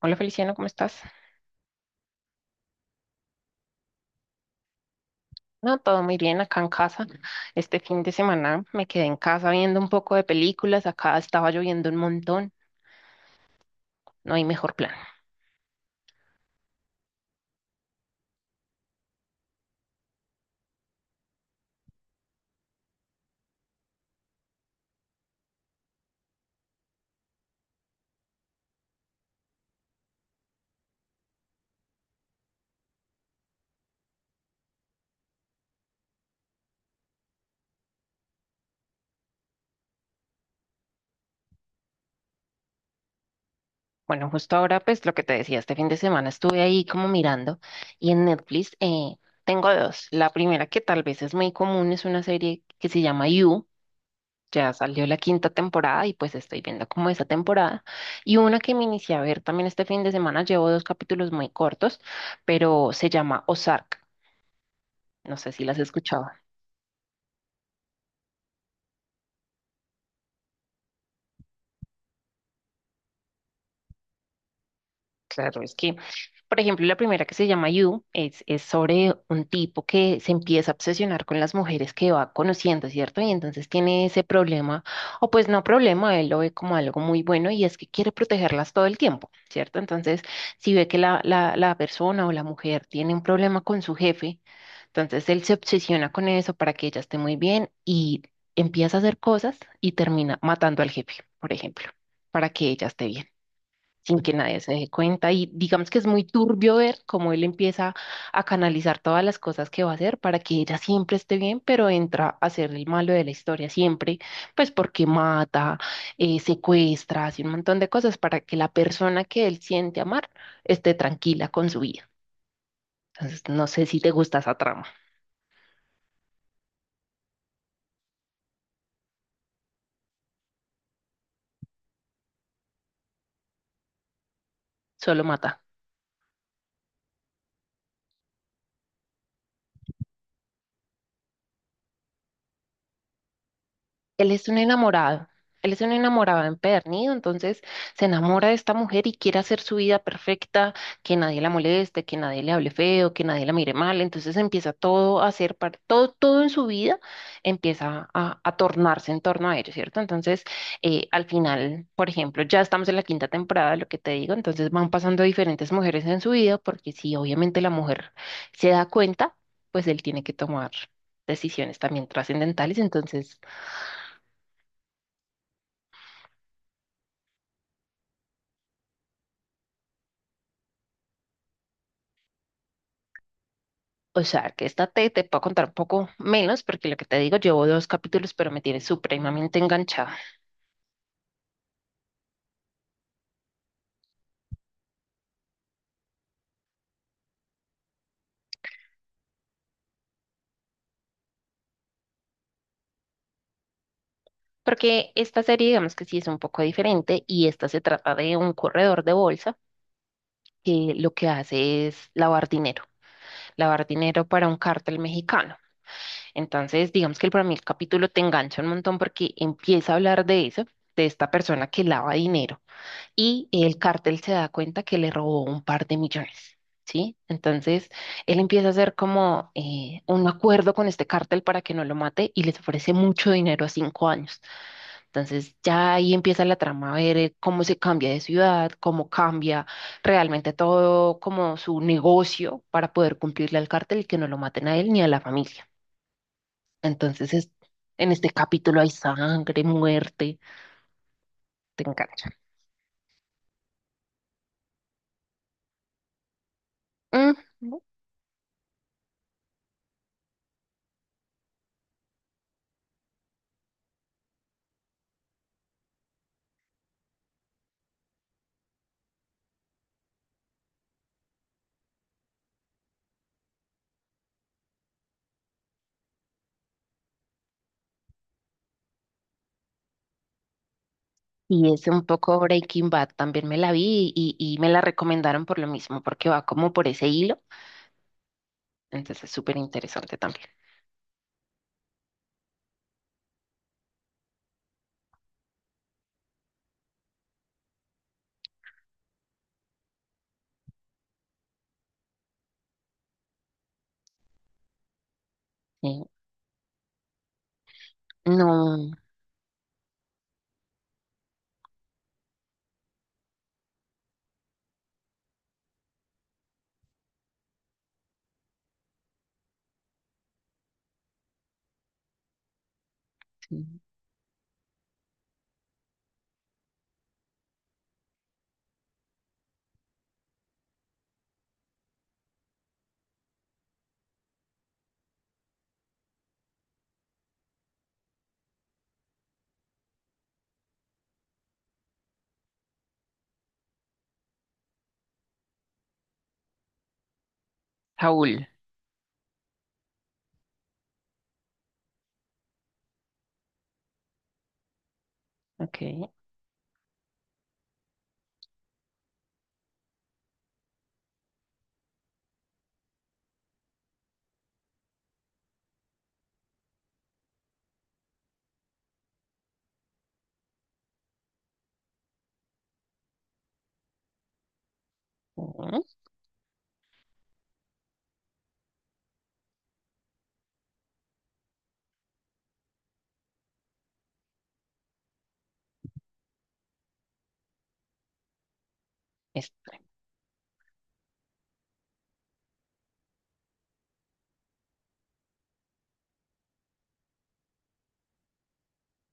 Hola Feliciano, ¿cómo estás? No, todo muy bien acá en casa. Este fin de semana me quedé en casa viendo un poco de películas. Acá estaba lloviendo un montón. No hay mejor plan. Bueno, justo ahora, pues lo que te decía, este fin de semana estuve ahí como mirando y en Netflix tengo dos. La primera que tal vez es muy común es una serie que se llama You. Ya salió la quinta temporada y pues estoy viendo como esa temporada. Y una que me inicié a ver también este fin de semana, llevo dos capítulos muy cortos, pero se llama Ozark. No sé si las has escuchado. Claro, es que, por ejemplo, la primera que se llama You es sobre un tipo que se empieza a obsesionar con las mujeres que va conociendo, ¿cierto? Y entonces tiene ese problema, o pues no problema, él lo ve como algo muy bueno y es que quiere protegerlas todo el tiempo, ¿cierto? Entonces, si ve que la persona o la mujer tiene un problema con su jefe, entonces él se obsesiona con eso para que ella esté muy bien y empieza a hacer cosas y termina matando al jefe, por ejemplo, para que ella esté bien, sin que nadie se dé cuenta, y digamos que es muy turbio ver cómo él empieza a canalizar todas las cosas que va a hacer para que ella siempre esté bien, pero entra a ser el malo de la historia siempre, pues porque mata, secuestra, hace un montón de cosas para que la persona que él siente amar esté tranquila con su vida. Entonces, no sé si te gusta esa trama, solo mata. Él es un enamorado, él es un enamorado empedernido, entonces se enamora de esta mujer y quiere hacer su vida perfecta, que nadie la moleste, que nadie le hable feo, que nadie la mire mal, entonces empieza todo a hacer, todo, todo en su vida empieza a tornarse en torno a ello, ¿cierto? Entonces, al final, por ejemplo, ya estamos en la quinta temporada, lo que te digo, entonces van pasando diferentes mujeres en su vida, porque si obviamente la mujer se da cuenta, pues él tiene que tomar decisiones también trascendentales. Entonces, o sea, que esta te puedo contar un poco menos, porque lo que te digo, llevo dos capítulos, pero me tiene supremamente enganchada. Porque esta serie, digamos que sí es un poco diferente, y esta se trata de un corredor de bolsa que lo que hace es lavar dinero para un cártel mexicano. Entonces, digamos que para mí el capítulo te engancha un montón porque empieza a hablar de eso, de esta persona que lava dinero, y el cártel se da cuenta que le robó un par de millones, ¿sí? Entonces, él empieza a hacer como un acuerdo con este cártel para que no lo mate y les ofrece mucho dinero a cinco años. Entonces, ya ahí empieza la trama a ver cómo se cambia de ciudad, cómo cambia realmente todo como su negocio para poder cumplirle al cártel y que no lo maten a él ni a la familia. Entonces, en este capítulo hay sangre, muerte, te engancha. Mm, y es un poco Breaking Bad, también me la vi y me la recomendaron por lo mismo, porque va como por ese hilo, entonces es súper interesante también. Sí. No, sí. Saúl, ok. mm, es-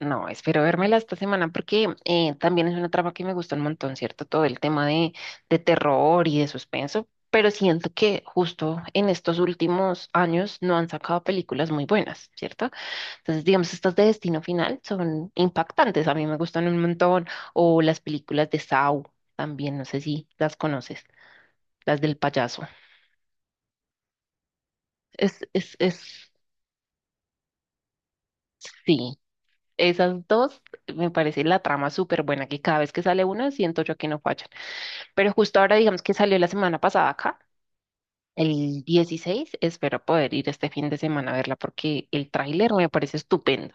no, espero vérmela esta semana porque también es una trama que me gusta un montón, ¿cierto? Todo el tema de terror y de suspenso, pero siento que justo en estos últimos años no han sacado películas muy buenas, ¿cierto? Entonces, digamos, estas de Destino Final son impactantes, a mí me gustan un montón. O las películas de Saw también, no sé si las conoces, las del payaso. Es, es, es, sí, esas dos me parece la trama súper buena, que cada vez que sale una siento yo que no fallan. Pero justo ahora, digamos que salió la semana pasada acá, el 16 espero poder ir este fin de semana a verla porque el tráiler me parece estupendo.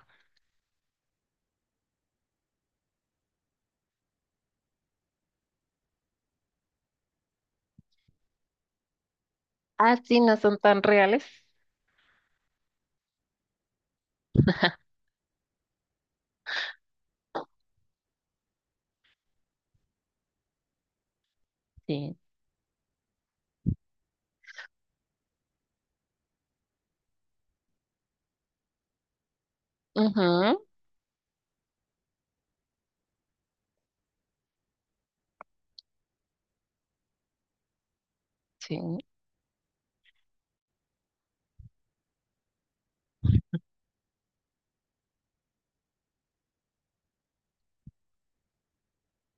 Ah, sí, no son tan reales. Sí. Ujú. Sí,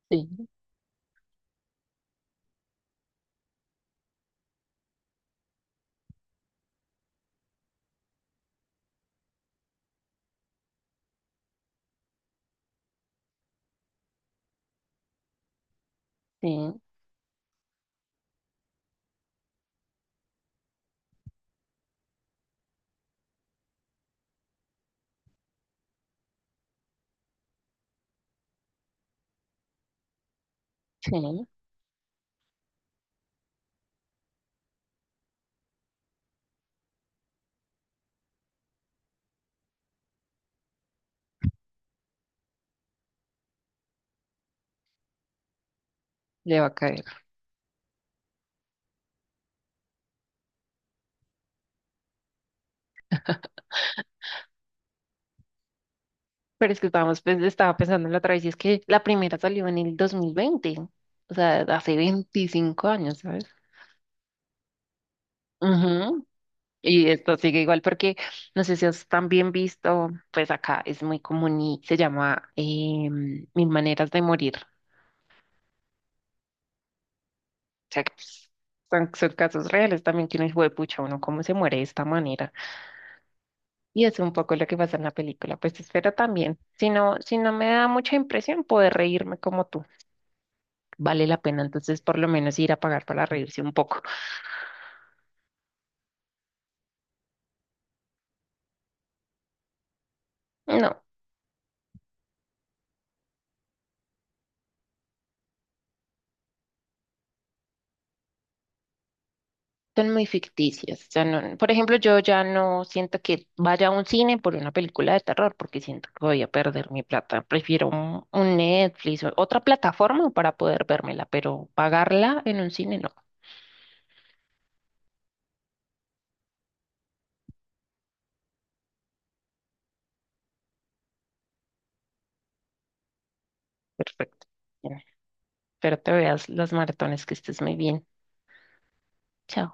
sí, sí. Sí, le va a caer. Pero es que estábamos, pues, estaba pensando en la otra vez y es que la primera salió en el 2020, o sea, hace 25 años, ¿sabes? Ujú. Y esto sigue igual porque, no sé si os también visto, pues acá es muy común y se llama Mil Maneras de Morir. O sea, que, pues, son, son casos reales también que uno dice, "Jue pucha, uno cómo se muere de esta manera". Y es un poco lo que pasa en la película. Pues espero también, si no me da mucha impresión, poder reírme como tú. Vale la pena entonces por lo menos ir a pagar para reírse un poco. No, son muy ficticias. O sea, no, por ejemplo, yo ya no siento que vaya a un cine por una película de terror porque siento que voy a perder mi plata. Prefiero un, Netflix o otra plataforma para poder vérmela, pero pagarla en un cine no. Perfecto. Bien, espero te veas las maratones, que estés muy bien. Chao.